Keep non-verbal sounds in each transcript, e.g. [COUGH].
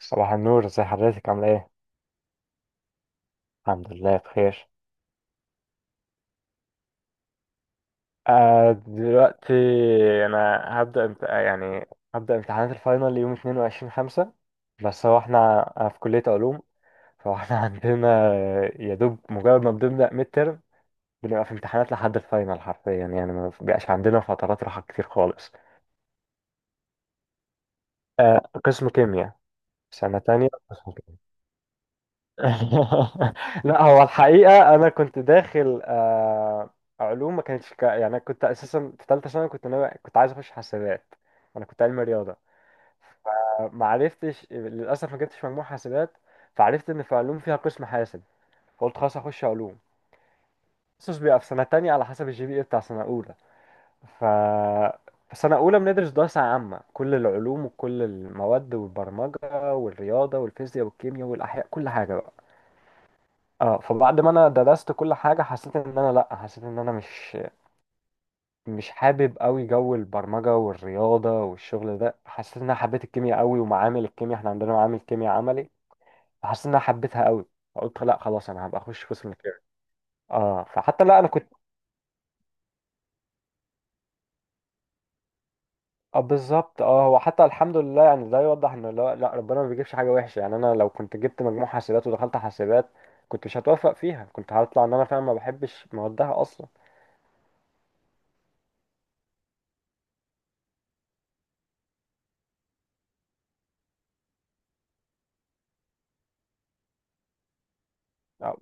صباح النور، ازي حضرتك؟ عامله ايه؟ الحمد لله بخير. آه دلوقتي انا هبدا امت... آه، هبدا امتحانات الفاينل يوم 22 5. بس هو احنا، أنا في كليه علوم، فاحنا [LAUGHS] عندنا يا دوب مجرد ما بنبدا ميد ترم بنبقى في امتحانات لحد الفاينل حرفيا، ما بيبقاش عندنا فترات راحه كتير خالص. آه، قسم كيمياء، سنه تانية قسم كيمياء. [LAUGHS] لا، هو الحقيقة أنا كنت داخل علوم. ما كانتش كا- يعني أنا كنت أساسا في تالتة ثانوي، كنت ناوي، كنت عايز أخش حاسبات. أنا كنت علمي رياضة، فما عرفتش للأسف، ما جبتش مجموع حاسبات، فعرفت إن في علوم فيها قسم حاسب، فقلت خلاص هخش علوم. تخصص بيبقى في سنة تانية على حسب الجي بي إيه بتاع سنة أولى. ف في سنة أولى بندرس دراسة عامة، كل العلوم وكل المواد، والبرمجة والرياضة والفيزياء والكيمياء والأحياء، كل حاجة بقى. اه، فبعد ما انا درست كل حاجه حسيت ان انا، لا حسيت ان انا مش حابب قوي جو البرمجه والرياضه والشغل ده. حسيت ان انا حبيت الكيمياء قوي، ومعامل الكيمياء، احنا عندنا معامل كيمياء عملي، فحسيت ان انا حبيتها قوي، فقلت لا خلاص انا هبقى اخش قسم كيمياء. اه، فحتى لا انا كنت. اه بالظبط. اه، هو حتى الحمد لله، ده يوضح ان لا ربنا ما بيجيبش حاجه وحشه. انا لو كنت جبت مجموع حاسبات ودخلت حاسبات كنت مش هتوفق فيها، كنت هطلع ان انا فعلا ما بحبش موادها اصلا. آه،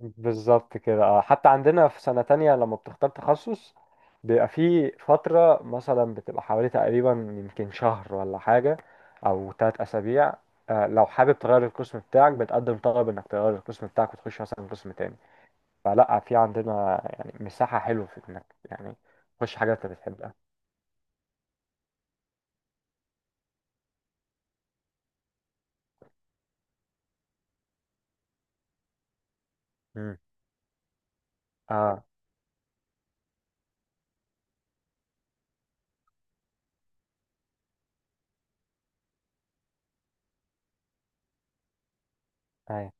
بالظبط كده. اه، حتى عندنا في سنة تانية لما بتختار تخصص بيبقى في فترة مثلا بتبقى حوالي تقريبا يمكن شهر ولا حاجة، أو تلات أسابيع. آه، لو حابب تغير القسم بتاعك بتقدم طلب إنك تغير القسم بتاعك وتخش مثلا قسم تاني. فلا، في عندنا مساحة حلوة في إنك تخش حاجة أنت بتحبها. مم. اه. أيوه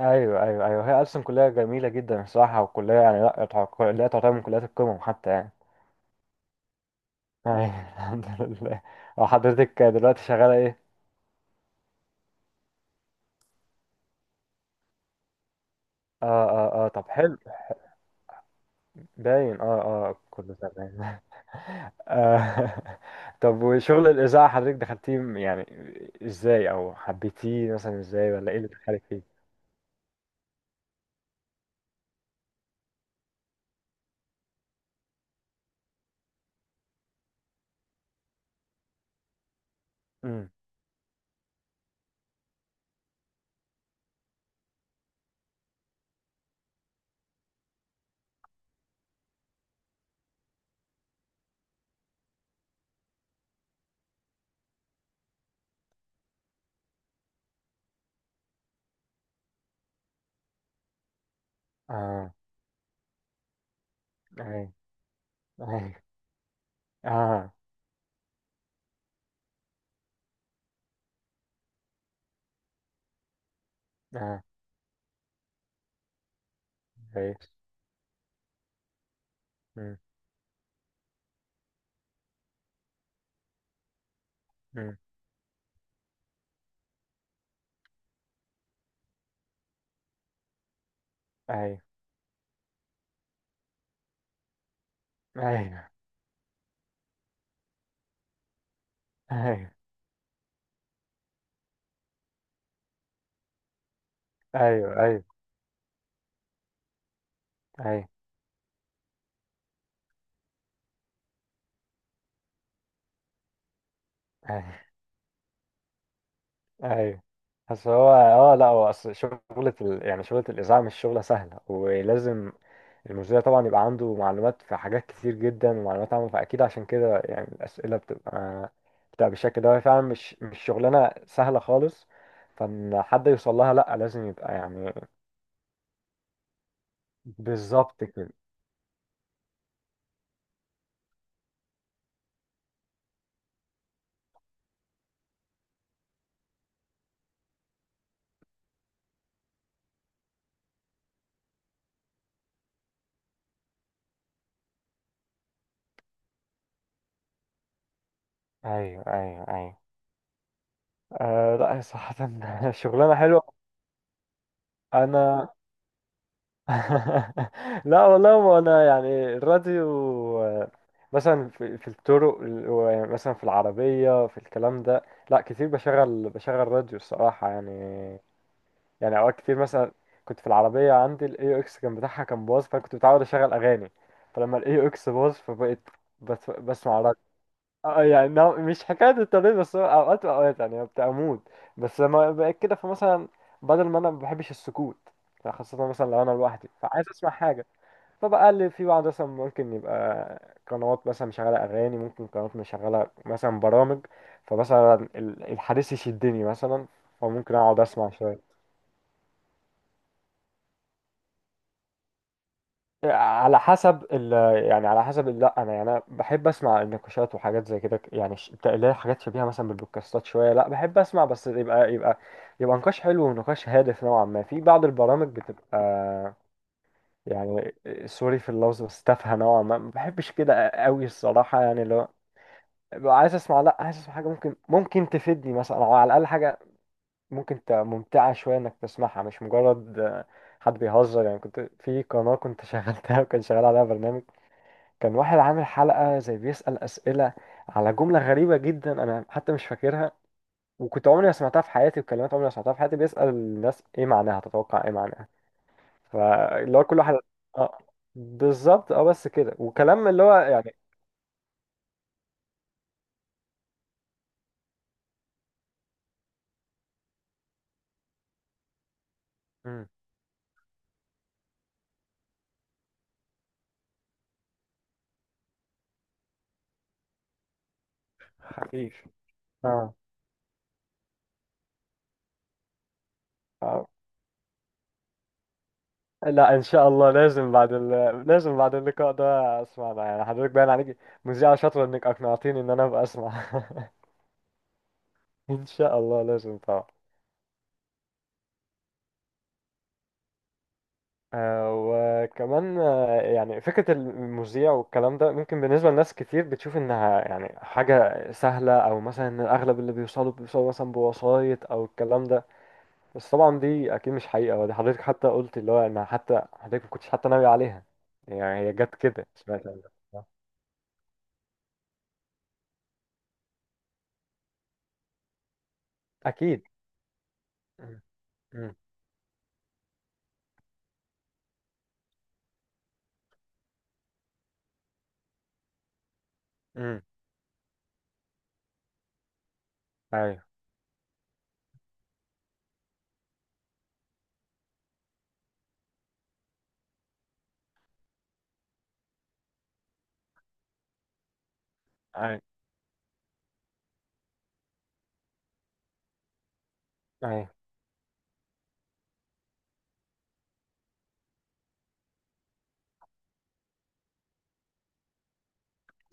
أيوه أيوه أيوه، هي أصلا كلية جميلة جدا الصراحة، وكلية لا تعتبر- كلية تعتبر من كليات القمم حتى أيوة، [LAUGHS] الحمد لله. اه، حضرتك دلوقتي شغالة ايه؟ اه اه اه، طب حلو. باين اه اه، كله تمام. [LAUGHS] آه. طب وشغل الإذاعة حضرتك دخلتيه ازاي؟ او حبيتيه مثلا ازاي؟ ولا ايه اللي دخلك فيه؟ امم. اه. ايوه ايوه. اه اه. كويس. أمم. أمم. ايوه ايوه ايوه. ايوه ايوه ايوه ايوه. بس هو اه، لا هو اصل شغلة ال... يعني شغلة الإذاعة مش شغلة سهلة، ولازم المذيع طبعا يبقى عنده معلومات في حاجات كتير جدا، ومعلومات عامة، فأكيد عشان كده الأسئلة بتبقى بالشكل ده. هي فعلا مش شغلانة سهلة خالص، فإن حد يوصل لها، لا لازم يبقى يعني. بالظبط كده. ايوه ايوه ايوه. آه لا هي صراحة [LAUGHS] شغلانة حلوة. أنا [LAUGHS] لا والله، ما انا الراديو آه، مثلا في الطرق ال- و- يعني مثلا في العربية في الكلام ده، لا كتير بشغل راديو الصراحة يعني. اوقات كتير مثلا، كنت في العربية عندي الاي اكس كان بتاعها كان باظ، فانا كنت متعود اشغل اغاني، فلما الاي اكس باظ فبقيت بسمع. اه، هو مش حكاية التمرين بس، هو اوقات واوقات ببقى اموت. بس لما بقيت كده فمثلا، بدل ما انا ما بحبش السكوت، خاصة مثلا لو انا لوحدي فعايز اسمع حاجة، فبقى اللي في بعض مثلا ممكن يبقى قنوات مثلا مشغلة اغاني، ممكن قنوات مشغلة مثلا برامج، فمثلا الحديث يشدني مثلا، فممكن اقعد اسمع شوية. على حسب ال يعني على حسب ال- لا انا أنا بحب اسمع النقاشات وحاجات زي كده، اللي هي حاجات شبيهه مثلا بالبودكاستات شويه. لا بحب اسمع، بس يبقى نقاش حلو ونقاش هادف نوعا ما. في بعض البرامج بتبقى يعني، سوري في اللفظ، بس تافهه نوعا ما، ما بحبش كده قوي الصراحه. يعني لو ببقى عايز اسمع، لا عايز اسمع حاجه ممكن ممكن تفيدني مثلا، او على الاقل حاجه ممتعه شويه انك تسمعها، مش مجرد حد بيهزر يعني. كنت في قناه، كنت شغلتها وكان شغال عليها برنامج، كان واحد عامل حلقة زي بيسأل أسئلة على جملة غريبة جدا، أنا حتى مش فاكرها، وكنت عمري ما سمعتها في حياتي، وكلمات عمري ما سمعتها في حياتي، بيسأل الناس إيه معناها، تتوقع إيه معناها، فاللي هو كل واحد. آه بالظبط، أه بس كده، وكلام اللي هو يعني. مم. خفيف. آه. آه. لا إن شاء الله، لازم بعد اللقاء ده أسمع ده. حضرتك باين عليك مذيعة شاطرة، إنك أقنعتيني إن أنا أبقى أسمع. [LAUGHS] إن شاء الله لازم طبعا. آه، وكمان آه، فكرة المذيع والكلام ده ممكن بالنسبة لناس كتير بتشوف إنها حاجة سهلة، أو مثلا إن أغلب اللي بيوصلوا بيوصلوا مثلا بوسايط أو الكلام ده. بس طبعا دي أكيد مش حقيقة، ودي حضرتك حتى قلت اللي هو إن حتى حضرتك ما كنتش حتى ناوي عليها، هي جت كده، سمعت عنها. صح؟ أكيد. مم. مم. مم. أيوه أيوه أيوه.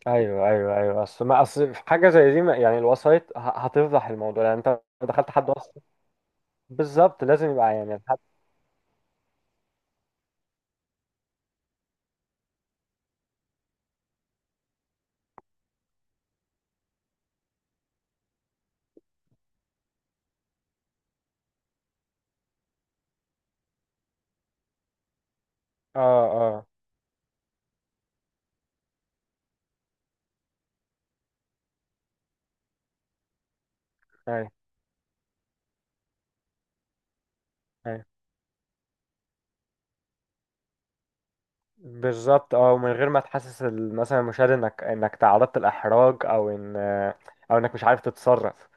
أيوه أيوه أيوه. أصل ما أصل في حاجة زي دي، الوسايط هتفضح الموضوع. أنت لو دخلت حد وسط. بالظبط، لازم يبقى يعني. اه اه. اي اي. بالظبط. اه، ومن غير ما تحسس مثلا المشاهد انك تعرضت الاحراج، او او انك مش عارف تتصرف.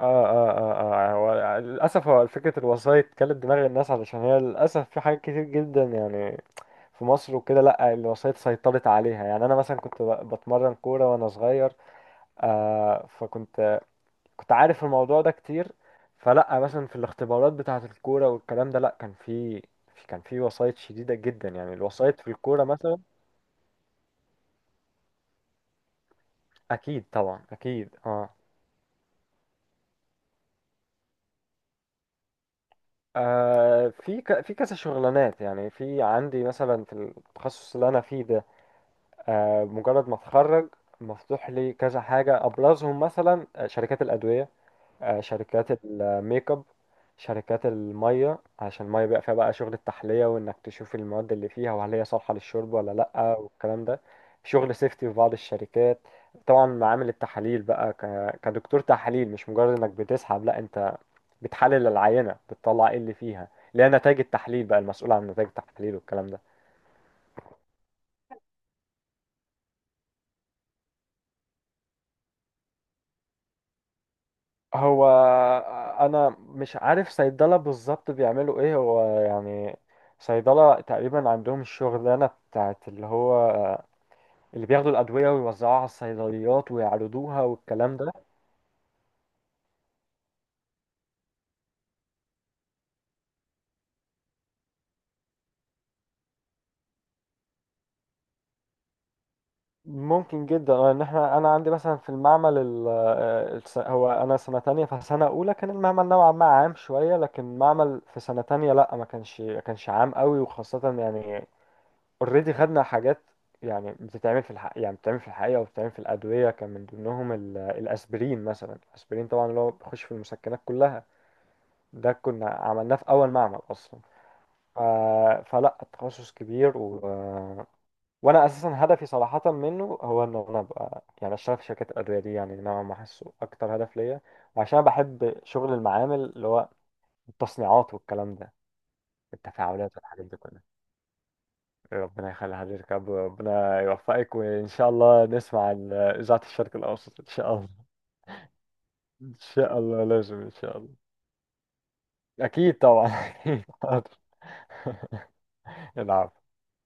اه اه اه. اه، هو للاسف هو فكره الوسايط كلت دماغ الناس، علشان هي للاسف في حاجات كتير جدا في مصر وكده، لا الوسايط سيطرت عليها. انا مثلا كنت بتمرن كوره وانا صغير، آه كنت عارف الموضوع ده كتير. فلا مثلا في الاختبارات بتاعة الكورة والكلام ده، لا كان كان في وسايط شديدة جدا، الوسايط في الكورة مثلا. أكيد طبعا، أكيد اه. آه، في في كذا شغلانات. في عندي مثلا في التخصص اللي أنا فيه ده، آه، مجرد ما أتخرج مفتوح لي كذا حاجة. أبرزهم مثلا آه، شركات الأدوية، آه، شركات الميك اب، شركات المية، عشان المية بيبقى فيها بقى شغل التحلية، وإنك تشوف المواد اللي فيها وهل هي صالحة للشرب ولا لأ والكلام ده. شغل سيفتي في بعض الشركات. طبعا معامل التحاليل بقى، كدكتور تحاليل، مش مجرد إنك بتسحب، لأ أنت بتحلل العينة، بتطلع إيه اللي فيها، اللي هي نتائج التحليل بقى، المسؤول عن نتائج التحليل والكلام ده. هو آه، انا مش عارف صيدله بالظبط بيعملوا ايه. هو صيدله تقريبا عندهم الشغلانه بتاعت اللي هو آه، اللي بياخدوا الادويه ويوزعوها على الصيدليات ويعرضوها والكلام ده. ممكن جدا آه، ان احنا، انا عندي مثلا في المعمل هو انا سنه تانية، فسنه اولى كان المعمل نوعا ما عام شويه، لكن المعمل في سنه تانية لا، ما كانش عام قوي. وخاصه يعني، اوريدي خدنا حاجات بتتعمل في الحقيقة وبتتعمل في الأدوية، كان من ضمنهم الأسبرين مثلا. الأسبرين طبعا اللي هو بيخش في المسكنات كلها، ده كنا عملناه في أول معمل أصلا. ف... فلا التخصص كبير وأنا أساسا هدفي صراحة منه هو إن أنا أبقى أشتغل في شركات الأدوية دي. نوعا ما حاسه أكتر هدف ليا، وعشان أنا بحب شغل المعامل، اللي هو التصنيعات والكلام ده، التفاعلات والحاجات دي كلها. إيه، ربنا يخلي حضرتك يا عبد، ربنا يوفقك، وإن شاء الله نسمع عن إذاعة الشرق الأوسط إن شاء الله. إن شاء الله لازم إن شاء الله. أكيد طبعا [LAUGHS] أكيد حاضر. [LAUGHS] العفو.